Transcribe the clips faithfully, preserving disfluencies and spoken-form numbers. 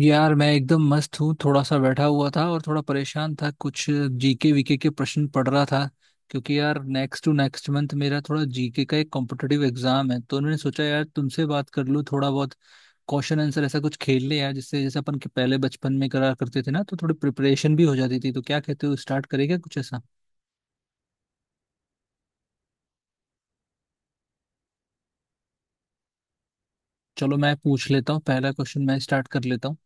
यार मैं एकदम मस्त हूँ। थोड़ा सा बैठा हुआ था और थोड़ा परेशान था। कुछ जीके वीके के प्रश्न पढ़ रहा था क्योंकि यार नेक्स्ट टू नेक्स्ट मंथ मेरा थोड़ा जीके का एक कॉम्पिटिटिव एग्जाम है। तो उन्होंने सोचा यार तुमसे बात कर लूँ, थोड़ा बहुत क्वेश्चन आंसर ऐसा कुछ खेल ले यार, जिससे जैसे अपन के पहले बचपन में करा करते थे ना, तो थोड़ी प्रिपरेशन भी हो जाती थी। तो क्या कहते हो, स्टार्ट करेगा कुछ ऐसा। चलो मैं पूछ लेता हूँ, पहला क्वेश्चन मैं स्टार्ट कर लेता हूँ।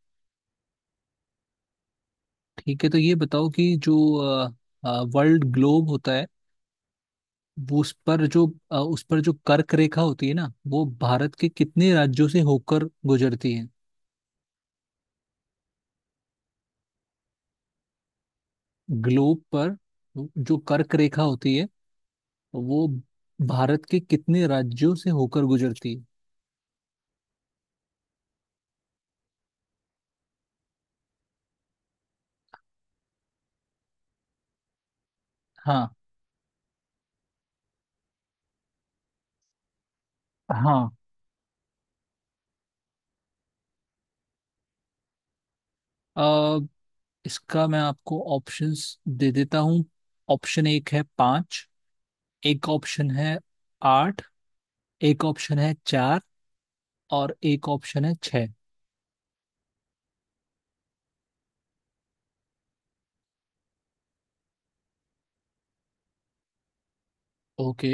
ठीक है तो ये बताओ कि जो वर्ल्ड ग्लोब होता है, वो उस पर जो अ, उस पर जो कर्क रेखा होती है ना, वो भारत के कितने राज्यों से होकर गुजरती है। ग्लोब पर जो कर्क रेखा होती है वो भारत के कितने राज्यों से होकर गुजरती है। हाँ। हाँ। अ, इसका मैं आपको ऑप्शंस दे देता हूँ। ऑप्शन एक है पाँच। एक ऑप्शन है आठ। एक ऑप्शन है चार। और एक ऑप्शन है छः। ओके।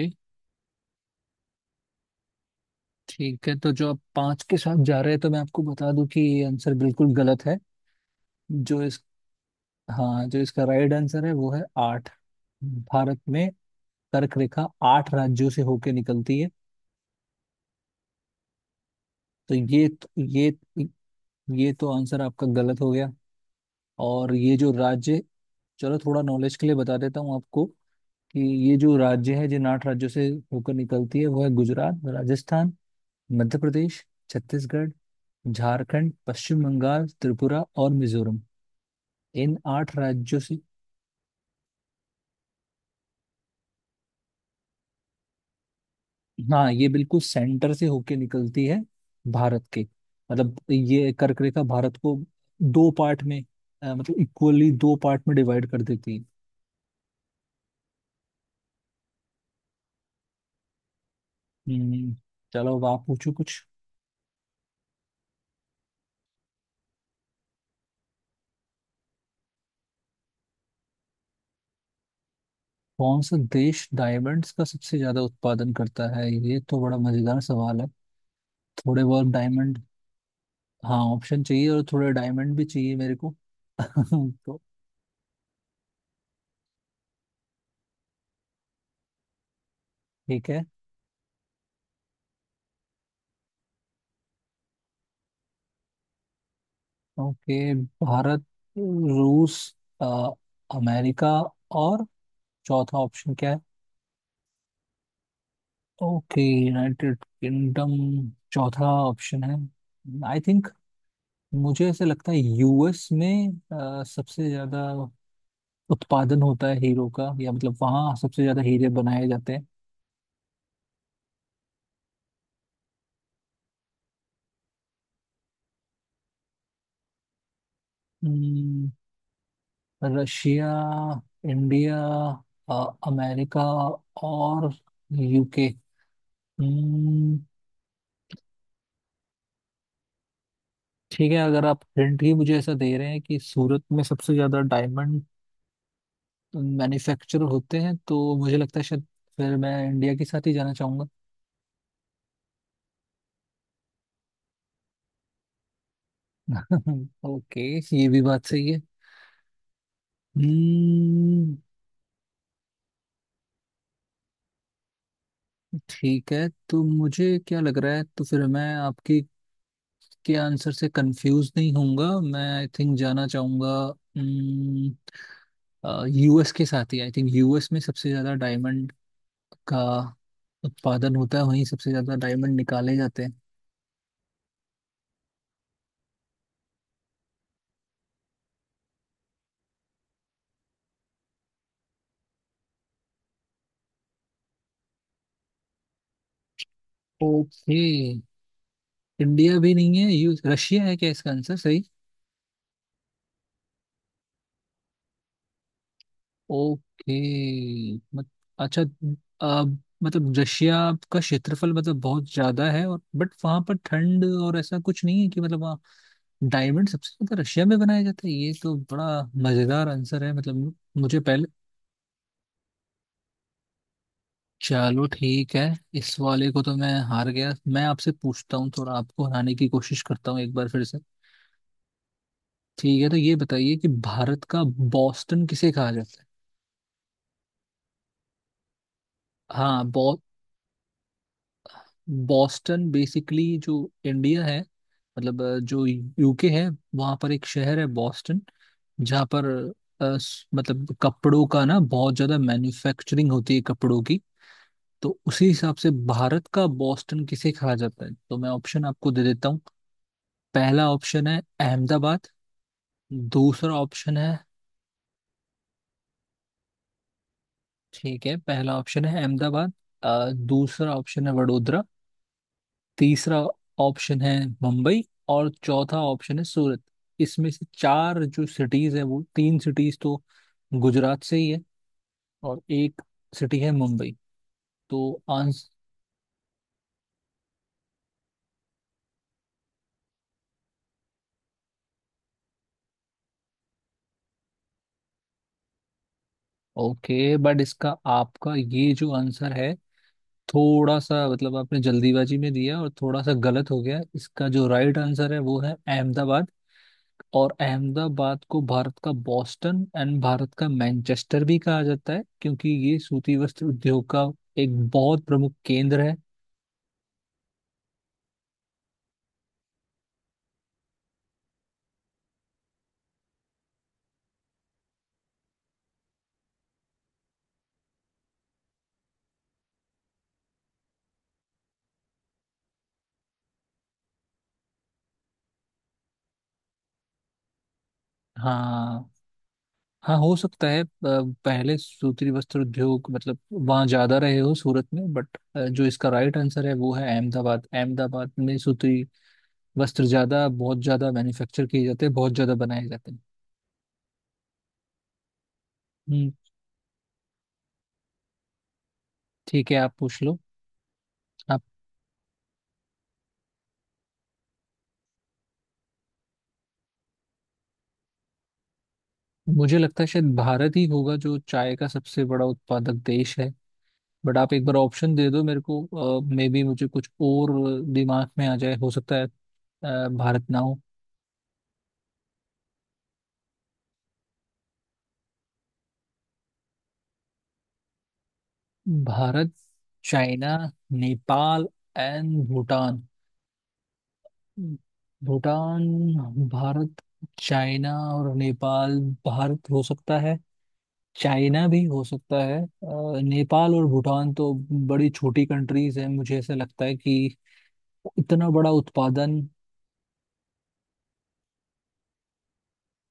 ठीक है तो जो आप पाँच के साथ जा रहे हैं, तो मैं आपको बता दूं कि ये आंसर बिल्कुल गलत है। जो इस हाँ, जो इसका राइट आंसर है वो है आठ। भारत में कर्क रेखा आठ राज्यों से होके निकलती है। तो ये ये ये तो आंसर आपका गलत हो गया। और ये जो राज्य, चलो थोड़ा नॉलेज के लिए बता देता हूँ आपको कि ये जो राज्य है जिन आठ राज्यों से होकर निकलती है वो है गुजरात, राजस्थान, मध्य प्रदेश, छत्तीसगढ़, झारखंड, पश्चिम बंगाल, त्रिपुरा और मिजोरम। इन आठ राज्यों से। हाँ, ये बिल्कुल सेंटर से होके निकलती है भारत के। मतलब ये कर्क रेखा भारत को दो पार्ट में, अ, मतलब इक्वली दो पार्ट में डिवाइड कर देती है। हम्म। चलो अब आप पूछो कुछ। कौन सा देश डायमंड्स का सबसे ज्यादा उत्पादन करता है, ये तो बड़ा मजेदार सवाल है। थोड़े बहुत डायमंड। हाँ ऑप्शन चाहिए, और थोड़े डायमंड भी चाहिए मेरे को। तो ठीक है। ओके। भारत, रूस, अ, अमेरिका और चौथा ऑप्शन क्या है। ओके, यूनाइटेड किंगडम चौथा ऑप्शन है। आई थिंक, मुझे ऐसे लगता है यूएस में अ, सबसे ज्यादा उत्पादन होता है हीरो का, या मतलब वहाँ सबसे ज्यादा हीरे बनाए जाते हैं। Hmm, रशिया, इंडिया, अ, अमेरिका और यूके। हम्म। ठीक है, अगर आप हिंट ही मुझे ऐसा दे रहे हैं कि सूरत में सबसे ज्यादा डायमंड मैन्युफैक्चर होते हैं, तो मुझे लगता है शायद फिर मैं इंडिया के साथ ही जाना चाहूंगा। ओके, ये भी बात सही है। हम्म। ठीक है, तो मुझे क्या लग रहा है, तो फिर मैं आपके के आंसर से कंफ्यूज नहीं होऊंगा। मैं आई थिंक जाना चाहूंगा यूएस के साथ ही। आई थिंक यूएस में सबसे ज्यादा डायमंड का उत्पादन होता है, वहीं सबसे ज्यादा डायमंड निकाले जाते हैं। ओके। इंडिया भी नहीं है, यूएस। रशिया है क्या इसका आंसर सही। ओके। मत, अच्छा, अब मतलब रशिया का क्षेत्रफल मतलब बहुत ज्यादा है, और बट वहां पर ठंड और ऐसा कुछ नहीं है कि मतलब वहाँ डायमंड सबसे ज्यादा रशिया में बनाया जाता है, ये तो बड़ा मजेदार आंसर है। मतलब मुझे पहले, चलो ठीक है। इस वाले को तो मैं हार गया, मैं आपसे पूछता हूँ, थोड़ा आपको हराने की कोशिश करता हूँ एक बार फिर से। ठीक है तो ये बताइए कि भारत का बॉस्टन किसे कहा जाता है। हाँ। बॉ बॉस्टन बेसिकली, जो इंडिया है, मतलब अ, जो यूके है, वहाँ पर एक शहर है बॉस्टन, जहाँ पर अ, स- मतलब कपड़ों का ना बहुत ज़्यादा मैन्युफैक्चरिंग होती है कपड़ों की। तो उसी हिसाब से भारत का बॉस्टन किसे कहा जाता है, तो मैं ऑप्शन आपको दे देता हूँ। पहला ऑप्शन है अहमदाबाद। दूसरा ऑप्शन है, ठीक है पहला ऑप्शन है अहमदाबाद। अ, दूसरा ऑप्शन है वडोदरा। तीसरा ऑप्शन है मुंबई। और चौथा ऑप्शन है सूरत। इसमें से चार जो सिटीज है, वो तीन सिटीज तो गुजरात से ही है, और एक सिटी है मुंबई। तो आंस ओके, बट इसका आपका ये जो आंसर है, थोड़ा सा मतलब आपने जल्दीबाजी में दिया और थोड़ा सा गलत हो गया। इसका जो राइट आंसर है वो है अहमदाबाद। और अहमदाबाद को भारत का बॉस्टन एंड भारत का मैनचेस्टर भी कहा जाता है, क्योंकि ये सूती वस्त्र उद्योग का एक बहुत प्रमुख केंद्र है। हाँ। हाँ, हो सकता है अ, पहले सूती वस्त्र उद्योग मतलब वहाँ ज्यादा रहे हो सूरत में, बट जो इसका राइट आंसर है वो है अहमदाबाद। अहमदाबाद में सूती वस्त्र ज्यादा, बहुत ज्यादा मैन्युफैक्चर किए जाते हैं, बहुत ज्यादा बनाए जाते हैं। हम्म। ठीक है, आप पूछ लो। आप। मुझे लगता है शायद भारत ही होगा जो चाय का सबसे बड़ा उत्पादक देश है, बट आप एक बार ऑप्शन दे दो मेरे को, मे बी मुझे कुछ और दिमाग में आ जाए, हो सकता है अ, भारत ना हो। Bharat, China, Nepal and Bhutan. Bhutan. Bharat, China और नेपाल। भारत हो सकता है, चाइना भी हो सकता है, अ, नेपाल और भूटान तो बड़ी छोटी कंट्रीज हैं। मुझे ऐसा लगता है कि इतना बड़ा उत्पादन,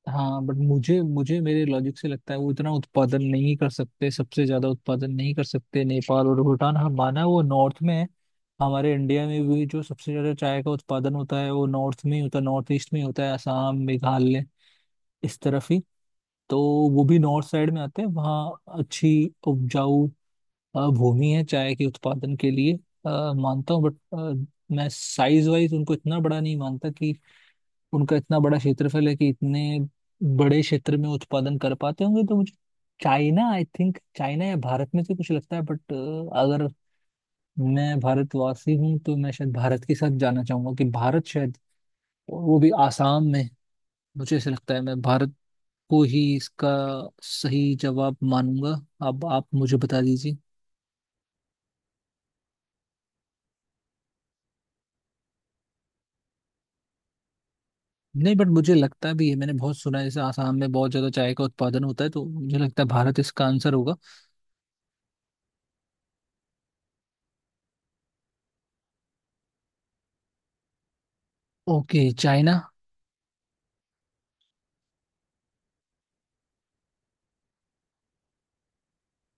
हाँ बट मुझे मुझे मेरे लॉजिक से लगता है वो इतना उत्पादन नहीं कर सकते, सबसे ज्यादा उत्पादन नहीं कर सकते। नेपाल और भूटान, हम माना वो नॉर्थ में है, हमारे इंडिया में भी जो सबसे ज्यादा चाय का उत्पादन होता है वो नॉर्थ में ही होता है, नॉर्थ ईस्ट में ही होता है, असम मेघालय इस तरफ ही। तो वो भी नॉर्थ साइड में आते हैं, वहाँ अच्छी उपजाऊ अ, भूमि है चाय के उत्पादन के लिए, अ, मानता हूँ, बट मैं साइज वाइज उनको इतना बड़ा नहीं मानता कि उनका इतना बड़ा क्षेत्रफल है कि इतने बड़े क्षेत्र में उत्पादन कर पाते होंगे। तो मुझे चाइना, आई थिंक चाइना या भारत में से कुछ लगता है। बट अगर मैं भारतवासी हूँ, तो मैं शायद भारत के साथ जाना चाहूंगा कि भारत शायद, और वो भी आसाम में। मुझे ऐसा लगता है, मैं भारत को ही इसका सही जवाब मानूंगा। अब आप मुझे बता दीजिए। नहीं बट मुझे लगता भी है, मैंने बहुत सुना है जैसे आसाम में बहुत ज्यादा चाय का उत्पादन होता है, तो मुझे लगता है भारत इसका आंसर होगा। Okay China.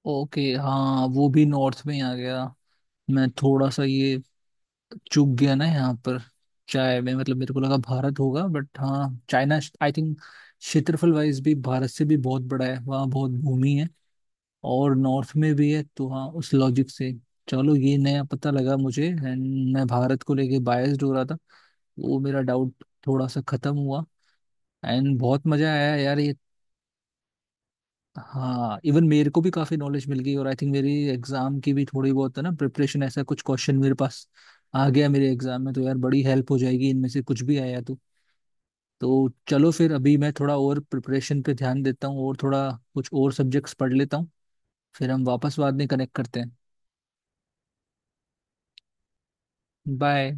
ओके, हाँ, वो भी नॉर्थ में ही आ गया। मैं थोड़ा सा ये चूक गया ना यहाँ पर चाय में, मतलब मेरे को लगा भारत होगा, बट हाँ चाइना, आई थिंक क्षेत्रफल वाइज भी भारत से भी बहुत बड़ा है, वहाँ बहुत भूमि है और नॉर्थ में भी है, तो हाँ उस लॉजिक से। चलो, ये नया पता लगा मुझे, एंड मैं भारत को लेके बायस्ड हो रहा था, वो मेरा डाउट थोड़ा सा खत्म हुआ। एंड बहुत मजा आया यार ये। हाँ, इवन मेरे को भी काफी नॉलेज मिल गई, और आई थिंक मेरी एग्जाम की भी थोड़ी बहुत है ना प्रिपरेशन, ऐसा कुछ क्वेश्चन मेरे पास आ गया मेरे एग्जाम में, तो यार बड़ी हेल्प हो जाएगी, इनमें से कुछ भी आया तो। तो चलो, फिर अभी मैं थोड़ा और प्रिपरेशन पे ध्यान देता हूँ, और थोड़ा कुछ और सब्जेक्ट्स पढ़ लेता हूँ। फिर हम वापस बाद में कनेक्ट करते हैं। बाय।